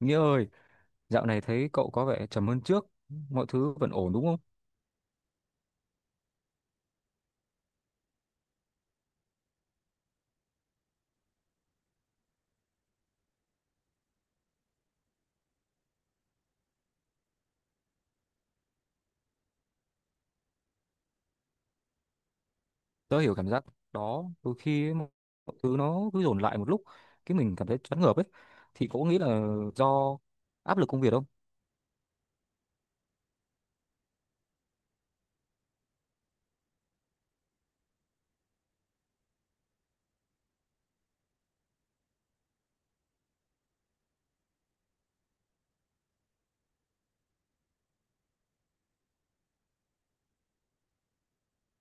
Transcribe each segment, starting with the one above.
Nghĩa ơi, dạo này thấy cậu có vẻ trầm hơn trước, mọi thứ vẫn ổn đúng không? Tớ hiểu cảm giác đó, đôi khi ấy, mọi thứ nó cứ dồn lại một lúc, cái mình cảm thấy choáng ngợp ấy. Thì cậu nghĩ là do áp lực công việc không?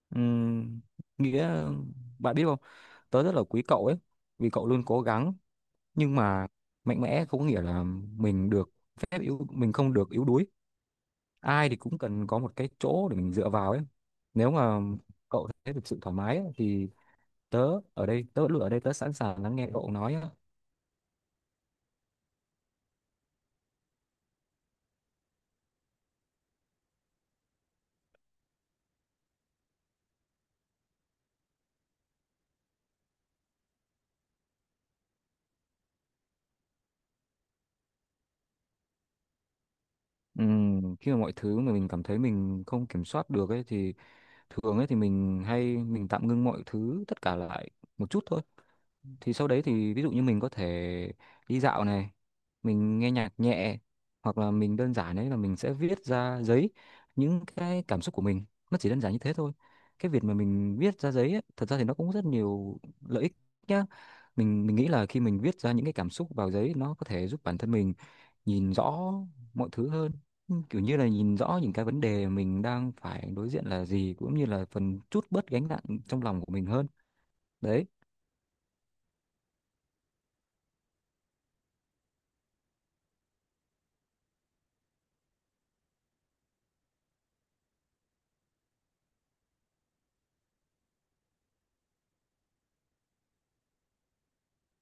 Ừm, nghĩa bạn biết không, tớ rất là quý cậu ấy, vì cậu luôn cố gắng, nhưng mà mạnh mẽ không có nghĩa là mình được phép yếu, mình không được yếu đuối. Ai thì cũng cần có một cái chỗ để mình dựa vào ấy. Nếu mà cậu thấy được sự thoải mái ấy, thì tớ ở đây, tớ luôn ở đây, tớ sẵn sàng lắng nghe cậu nói á. Khi mà mọi thứ mà mình cảm thấy mình không kiểm soát được ấy thì thường ấy thì mình hay tạm ngưng mọi thứ tất cả lại một chút thôi, thì sau đấy thì ví dụ như mình có thể đi dạo này, mình nghe nhạc nhẹ, hoặc là mình đơn giản ấy là mình sẽ viết ra giấy những cái cảm xúc của mình. Nó chỉ đơn giản như thế thôi. Cái việc mà mình viết ra giấy ấy, thật ra thì nó cũng rất nhiều lợi ích nhá. Mình nghĩ là khi mình viết ra những cái cảm xúc vào giấy, nó có thể giúp bản thân mình nhìn rõ mọi thứ hơn. Ừ, kiểu như là nhìn rõ những cái vấn đề mình đang phải đối diện là gì, cũng như là phần chút bớt gánh nặng trong lòng của mình hơn đấy.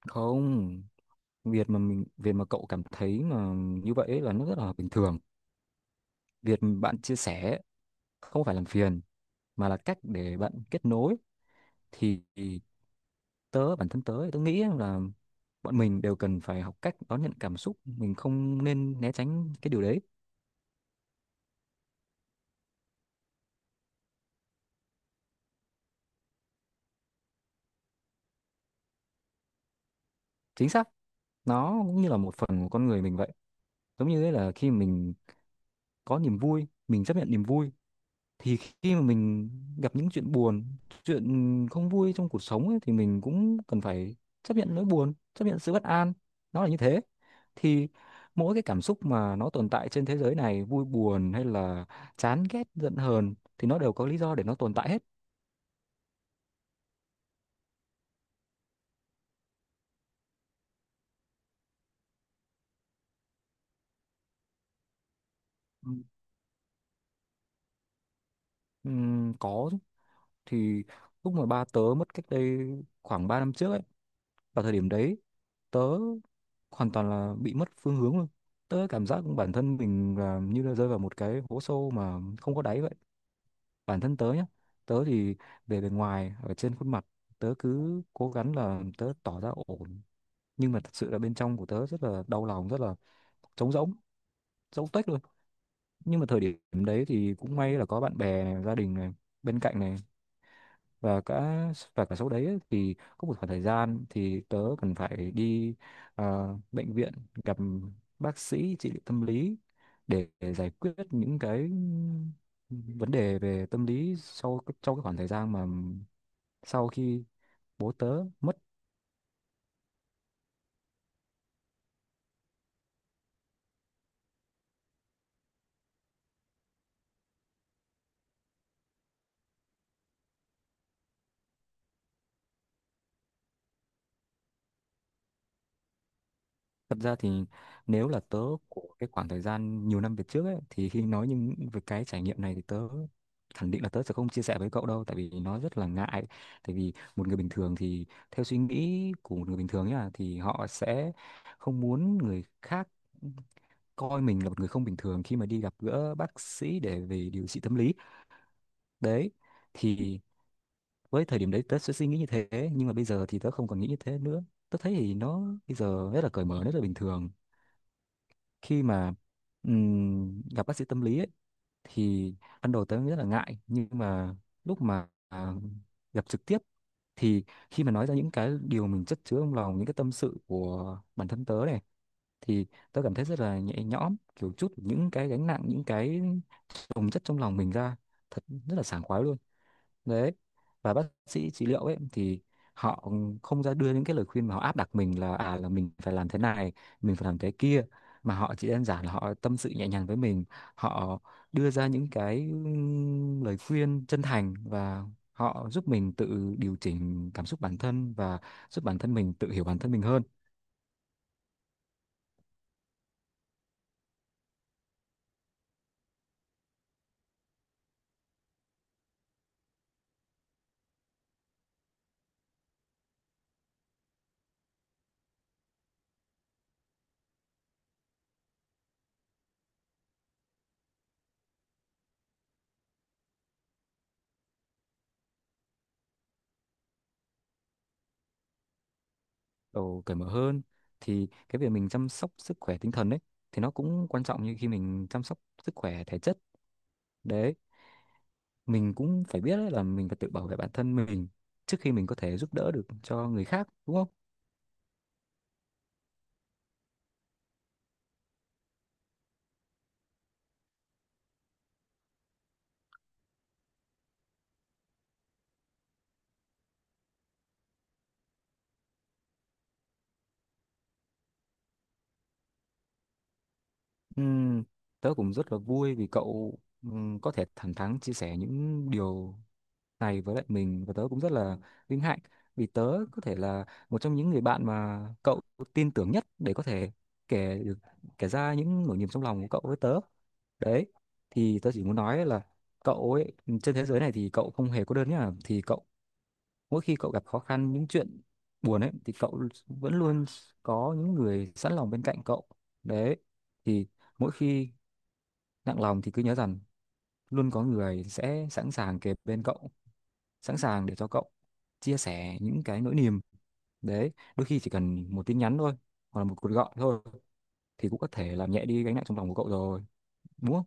Không, việc mà mình, việc mà cậu cảm thấy mà như vậy ấy là nó rất là bình thường. Việc bạn chia sẻ không phải làm phiền mà là cách để bạn kết nối. Thì tớ, bản thân tớ thì tớ nghĩ là bọn mình đều cần phải học cách đón nhận cảm xúc, mình không nên né tránh cái điều đấy. Chính xác, nó cũng như là một phần của con người mình vậy. Giống như ấy là khi mình có niềm vui mình chấp nhận niềm vui, thì khi mà mình gặp những chuyện buồn, chuyện không vui trong cuộc sống ấy, thì mình cũng cần phải chấp nhận nỗi buồn, chấp nhận sự bất an. Nó là như thế. Thì mỗi cái cảm xúc mà nó tồn tại trên thế giới này, vui buồn hay là chán ghét giận hờn, thì nó đều có lý do để nó tồn tại hết. Ừ. Có chứ. Thì lúc mà ba tớ mất cách đây khoảng 3 năm trước ấy, vào thời điểm đấy tớ hoàn toàn là bị mất phương hướng luôn. Tớ cảm giác bản thân mình là như là rơi vào một cái hố sâu mà không có đáy vậy. Bản thân tớ nhá, tớ thì về bề ngoài ở trên khuôn mặt tớ cứ cố gắng là tớ tỏ ra ổn, nhưng mà thật sự là bên trong của tớ rất là đau lòng, rất là trống rỗng, trống tuếch luôn. Nhưng mà thời điểm đấy thì cũng may là có bạn bè này, gia đình này bên cạnh này, và cả và cả sau đấy ấy, thì có một khoảng thời gian thì tớ cần phải đi bệnh viện gặp bác sĩ trị liệu tâm lý, để giải quyết những cái vấn đề về tâm lý sau sau cái khoảng thời gian mà sau khi bố tớ mất. Thật ra thì nếu là tớ của cái khoảng thời gian nhiều năm về trước ấy, thì khi nói những về cái trải nghiệm này thì tớ khẳng định là tớ sẽ không chia sẻ với cậu đâu, tại vì nó rất là ngại. Tại vì một người bình thường thì, theo suy nghĩ của một người bình thường nhá, thì họ sẽ không muốn người khác coi mình là một người không bình thường khi mà đi gặp gỡ bác sĩ để về điều trị tâm lý đấy. Thì với thời điểm đấy tớ sẽ suy nghĩ như thế, nhưng mà bây giờ thì tớ không còn nghĩ như thế nữa. Tớ thấy thì nó bây giờ rất là cởi mở, rất là bình thường. Khi mà gặp bác sĩ tâm lý ấy, thì ban đầu tớ rất là ngại, nhưng mà lúc mà gặp trực tiếp, thì khi mà nói ra những cái điều mình chất chứa trong lòng, những cái tâm sự của bản thân tớ này, thì tớ cảm thấy rất là nhẹ nhõm, kiểu chút những cái gánh nặng, những cái chồng chất trong lòng mình ra, thật rất là sảng khoái luôn đấy. Và bác sĩ trị liệu ấy thì họ không ra đưa những cái lời khuyên mà họ áp đặt mình là à là mình phải làm thế này, mình phải làm thế kia, mà họ chỉ đơn giản là họ tâm sự nhẹ nhàng với mình. Họ đưa ra những cái lời khuyên chân thành, và họ giúp mình tự điều chỉnh cảm xúc bản thân và giúp bản thân mình tự hiểu bản thân mình hơn. Đầu cởi mở hơn, thì cái việc mình chăm sóc sức khỏe tinh thần ấy, thì nó cũng quan trọng như khi mình chăm sóc sức khỏe thể chất đấy. Mình cũng phải biết đấy là mình phải tự bảo vệ bản thân mình trước khi mình có thể giúp đỡ được cho người khác, đúng không? Ừm, Tớ cũng rất là vui vì cậu có thể thẳng thắn chia sẻ những điều này với lại mình, và tớ cũng rất là vinh hạnh vì tớ có thể là một trong những người bạn mà cậu tin tưởng nhất để có thể kể được, kể ra những nỗi niềm trong lòng của cậu với tớ đấy. Thì tớ chỉ muốn nói là cậu ấy, trên thế giới này thì cậu không hề cô đơn nhá. Thì cậu, mỗi khi cậu gặp khó khăn, những chuyện buồn ấy, thì cậu vẫn luôn có những người sẵn lòng bên cạnh cậu đấy. Thì mỗi khi nặng lòng thì cứ nhớ rằng luôn có người sẽ sẵn sàng kề bên cậu, sẵn sàng để cho cậu chia sẻ những cái nỗi niềm đấy. Đôi khi chỉ cần một tin nhắn thôi hoặc là một cuộc gọi thôi thì cũng có thể làm nhẹ đi gánh nặng trong lòng của cậu rồi, đúng không?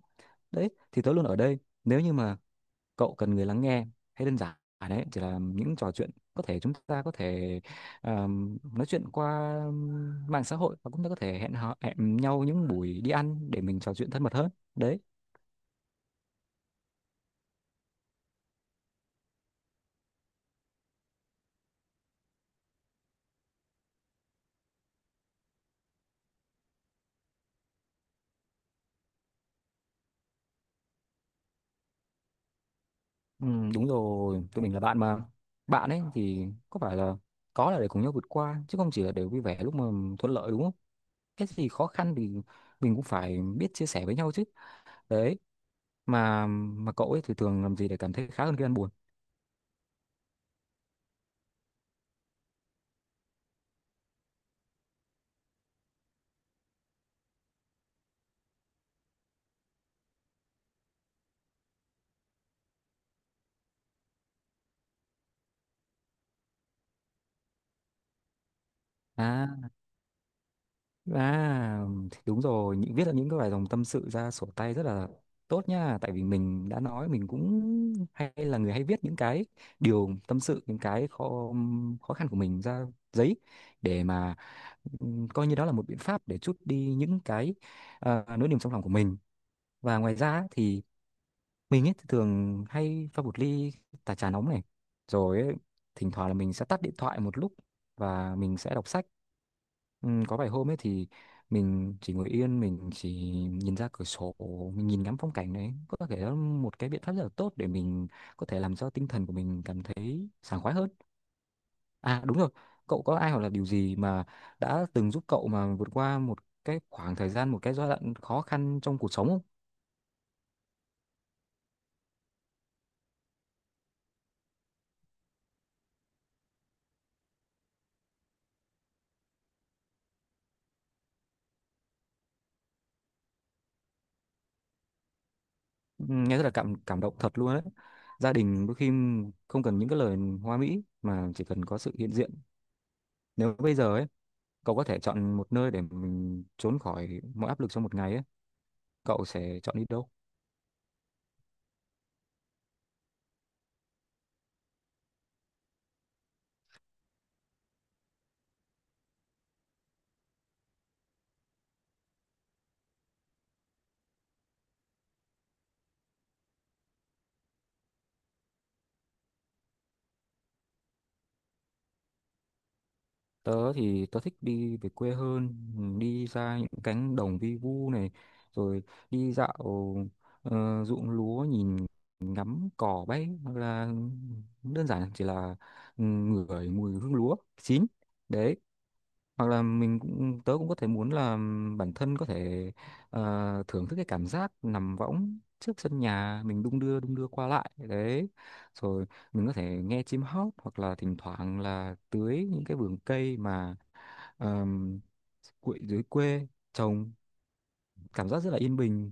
Đấy, thì tớ luôn ở đây nếu như mà cậu cần người lắng nghe, hay đơn giản à đấy chỉ là những trò chuyện, có thể chúng ta có thể nói chuyện qua mạng xã hội, và cũng ta có thể hẹn nhau những buổi đi ăn để mình trò chuyện thân mật hơn đấy. Ừ, đúng rồi, tụi mình là bạn mà. Bạn ấy thì có là để cùng nhau vượt qua chứ không chỉ là để vui vẻ lúc mà thuận lợi, đúng không? Cái gì khó khăn thì mình cũng phải biết chia sẻ với nhau chứ đấy. Mà cậu ấy thì thường làm gì để cảm thấy khá hơn khi ăn buồn? À À, thì đúng rồi, những viết ra những cái bài dòng tâm sự ra sổ tay rất là tốt nha, tại vì mình đã nói mình cũng hay là người hay viết những cái điều tâm sự, những cái khó khó khăn của mình ra giấy, để mà coi như đó là một biện pháp để trút đi những cái nỗi niềm trong lòng của mình. Và ngoài ra thì mình ấy thì thường hay pha một ly tà trà nóng này, rồi ấy, thỉnh thoảng là mình sẽ tắt điện thoại một lúc và mình sẽ đọc sách. Ừ, có vài hôm ấy thì mình chỉ ngồi yên, mình chỉ nhìn ra cửa sổ, mình nhìn ngắm phong cảnh đấy. Có thể đó là một cái biện pháp rất là tốt để mình có thể làm cho tinh thần của mình cảm thấy sảng khoái hơn. À đúng rồi, cậu có ai hoặc là điều gì mà đã từng giúp cậu mà vượt qua một cái khoảng thời gian, một cái giai đoạn khó khăn trong cuộc sống không? Nghe rất là cảm cảm động thật luôn đấy. Gia đình đôi khi không cần những cái lời hoa mỹ mà chỉ cần có sự hiện diện. Nếu bây giờ ấy cậu có thể chọn một nơi để mình trốn khỏi mọi áp lực trong một ngày ấy, cậu sẽ chọn đi đâu? Tớ thì tớ thích đi về quê hơn. Ừ, đi ra những cánh đồng vi vu này, rồi đi dạo ruộng lúa, nhìn ngắm cỏ bay, hoặc là đơn giản chỉ là, ừ, ngửi mùi hương lúa chín đấy. Hoặc là mình cũng tớ cũng có thể muốn là bản thân có thể thưởng thức cái cảm giác nằm võng trước sân nhà mình, đung đưa qua lại đấy. Rồi mình có thể nghe chim hót, hoặc là thỉnh thoảng là tưới những cái vườn cây mà ờm, quậy dưới quê trồng. Cảm giác rất là yên bình.